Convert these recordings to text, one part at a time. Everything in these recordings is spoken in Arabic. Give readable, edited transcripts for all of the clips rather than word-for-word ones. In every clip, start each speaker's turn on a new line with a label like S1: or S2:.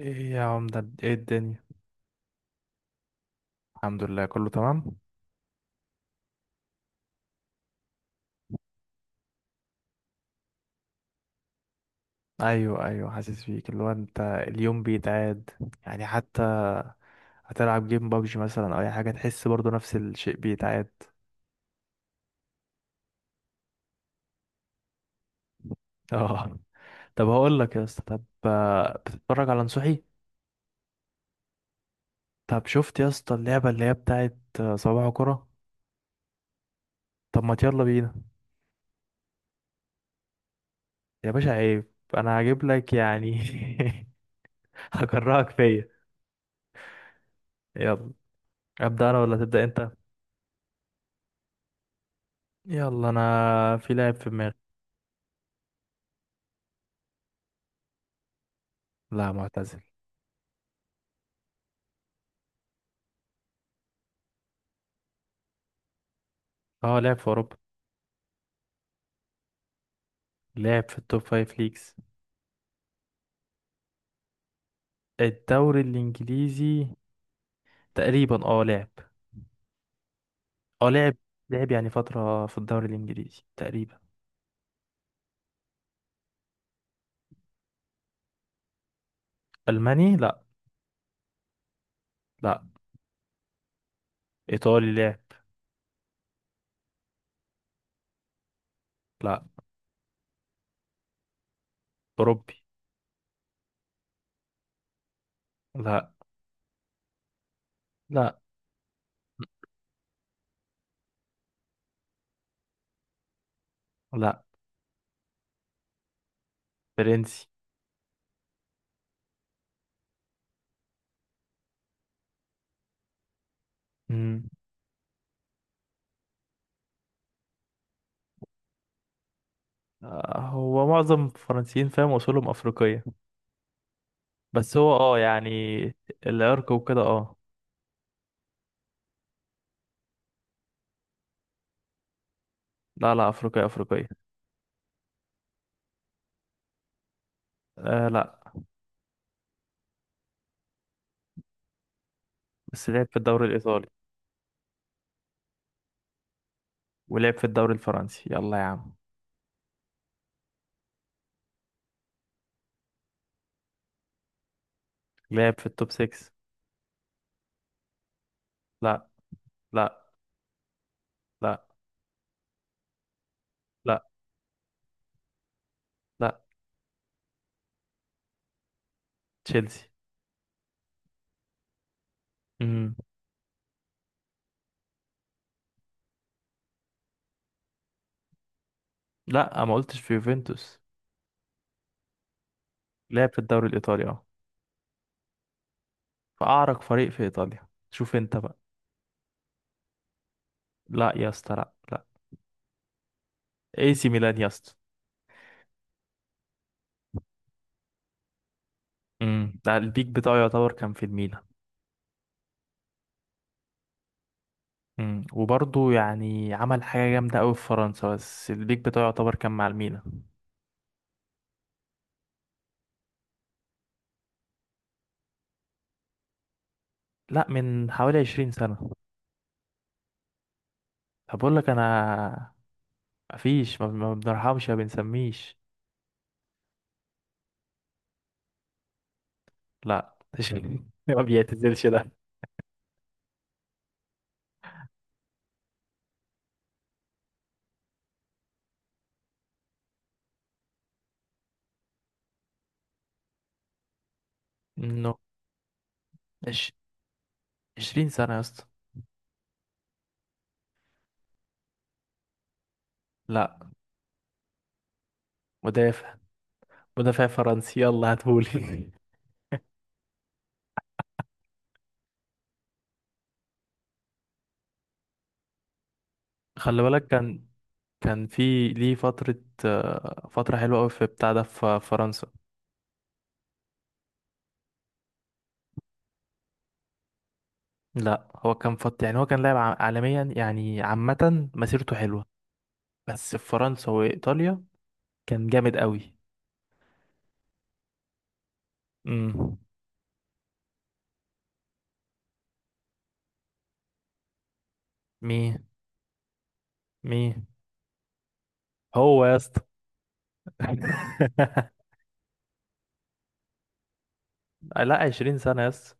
S1: ايه يا عمدة؟ ايه الدنيا؟ الحمد لله، كله تمام. ايوه، ايوه، حاسس بيك، اللي هو انت اليوم بيتعاد يعني حتى. هتلعب جيم بابجي مثلا او اي حاجة، تحس برضو نفس الشيء بيتعاد. اه. طب هقول لك يا اسطى، طب بتتفرج على نصوحي؟ طب شفت يا اسطى اللعبة اللي هي بتاعت صباح كرة؟ طب ما يلا بينا. يا باشا، عيب. انا هجيب لك يعني. هكرهك فيا. يلا. ابدا انا ولا تبدا انت؟ يلا. انا في لاعب في دماغي. لا، معتزل. اه، لعب في اوروبا. لعب في التوب فايف ليجز. الدوري الانجليزي تقريبا. اه، لعب. اه، لعب. لعب يعني فترة في الدوري الانجليزي تقريبا. الماني؟ لا. لا، ايطالي لعب. لا. اوروبي. لا، لا. لا. فرنسي. امم. هو معظم الفرنسيين فاهم اصولهم افريقيه، بس هو يعني العرق وكده، اه. لا، لا، افريقيه، افريقيه. لا. بس لعب في الدوري الايطالي. ولعب في الدوري الفرنسي، يلا يا عم. لعب في التوب 6. لا، لا، لا، لا، لا، تشيلسي. امم. لا، ما قلتش في يوفنتوس. لعب في الدوري الايطالي، اه. فاعرق فريق في ايطاليا، شوف انت بقى. لا يا اسطى، لا، لا. اي سي ميلان يا اسطى. ده البيك بتاعه يعتبر كان في الميلان. وبرضه يعني عمل حاجة جامدة أوي في فرنسا، بس البيك بتاعه يعتبر كان مع الميلان. لا، من حوالي 20 سنة. طب أقول لك أنا، مفيش، ما بنرحمش ما بنسميش. لا. ما بيعتزلش ده. نو. 20 سنة يا اسطى. لا، مدافع. مدافع فرنسي، يلا هاتهولي. خلي بالك، كان كان في ليه فترة، فترة حلوة أوي في بتاع ده في فرنسا. لا، هو كان يعني هو كان لاعب عالميا يعني، عامة مسيرته حلوة. بس في فرنسا وإيطاليا كان جامد أوي. امم. مين؟ مين هو يا اسطى؟ لا، 20 سنة يا اسطى.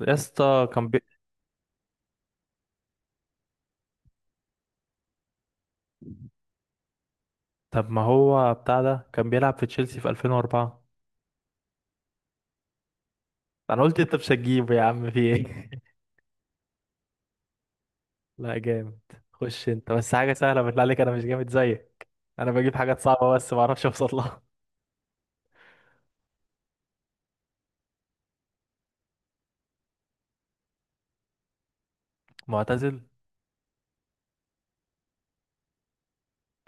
S1: يا اسطى، كان طب ما هو بتاع ده كان بيلعب في تشيلسي في 2004. انا قلت انت مش هتجيبه يا عم، في ايه؟ لا، جامد. خش انت بس حاجه سهله بالله عليك، انا مش جامد زيك. انا بجيب حاجات صعبه بس ما اعرفش اوصل لها. معتزل؟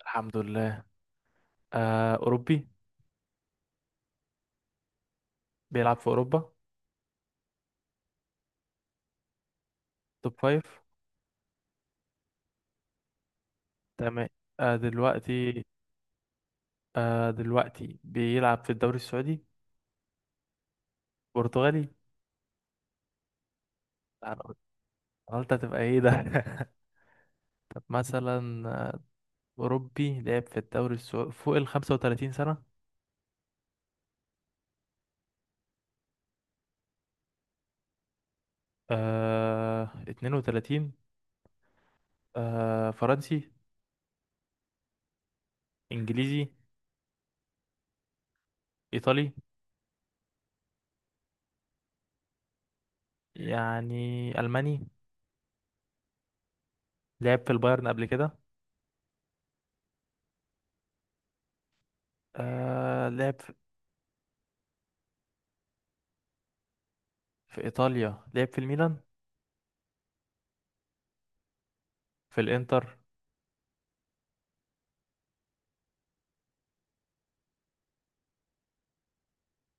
S1: الحمد لله. آه، أوروبي. بيلعب في أوروبا. توب فايف؟ تمام. آه، دلوقتي. آه، دلوقتي بيلعب في الدوري السعودي. برتغالي؟ أنا قلت، أنا قلت هتبقى إيه ده؟ طب مثلا، أوروبي لعب في الدوري السعودي فوق ال 35 سنة. آه، 32. فرنسي؟ انجليزي؟ ايطالي؟ يعني الماني؟ لعب في البايرن قبل كده؟ لعب في، في ايطاليا لعب في الميلان؟ في الانتر؟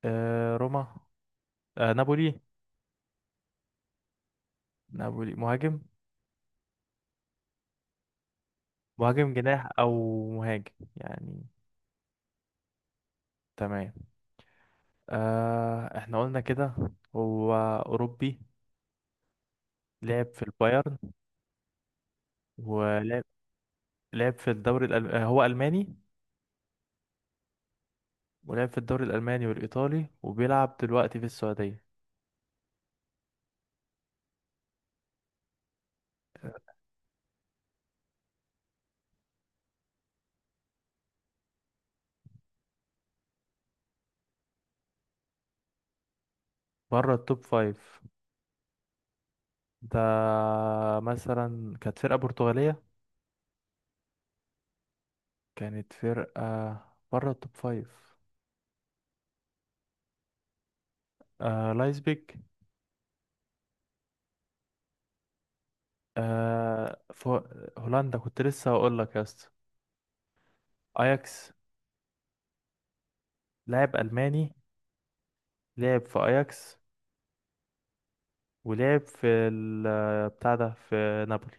S1: روما؟ نابولي؟ نابولي؟ مهاجم؟ مهاجم جناح او مهاجم يعني. تمام. احنا قلنا كده. هو اوروبي، لعب في البايرن ولعب، لعب في الدوري الألم... آه، هو الماني، ولعب في الدوري الالماني والايطالي، وبيلعب دلوقتي في السعودية. بره التوب فايف؟ ده مثلا كانت فرقة برتغالية؟ كانت فرقة بره التوب فايف. لايبزيج؟ آه فو... هولندا! كنت لسه هقول لك يا اسطى. اياكس. لاعب ألماني، لعب في اياكس، ولعب في ال... آه، بتاع ده في نابولي،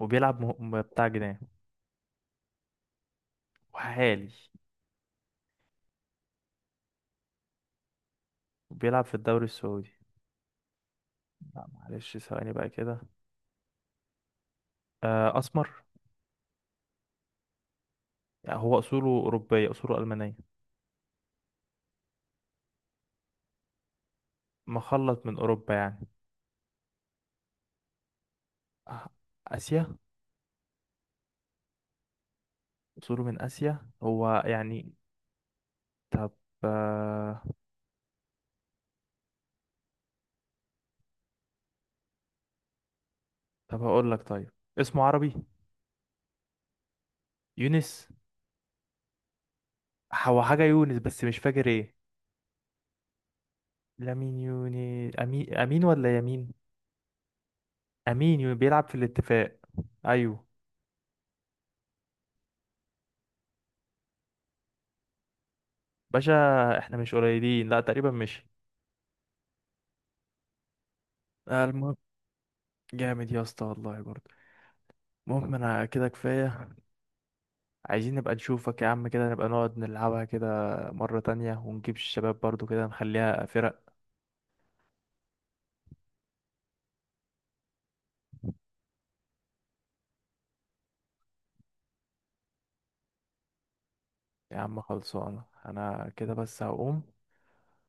S1: وبيلعب بتاع جناح. وحالي. وبيلعب في الدوري السعودي. لا معلش، ثواني بقى كده. أسمر؟ يعني هو أصوله أوروبية، أصوله ألمانية؟ مخلط من أوروبا يعني؟ آه، آسيا؟ أصوله من آسيا هو يعني؟ طب، آه، طب هقول لك طيب، اسمه عربي. يونس؟ هو حاجة يونس بس مش فاكر ايه. لامين يوني، أمين، أمين ولا يمين؟ أمين بيلعب في الاتفاق. أيوه. باشا، احنا مش قليلين، لا تقريبا مش. المهم، جامد يا اسطى والله برضه. المهم انا كده كفاية. عايزين نبقى نشوفك يا عم كده، نبقى نقعد نلعبها كده مرة تانية، ونجيب الشباب برضو كده، نخليها فرق. يا عم خلصانة، انا كده بس هقوم،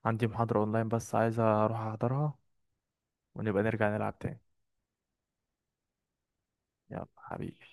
S1: عندي محاضرة اونلاين بس عايز اروح احضرها، ونبقى نرجع نلعب تاني. يلا حبيبي.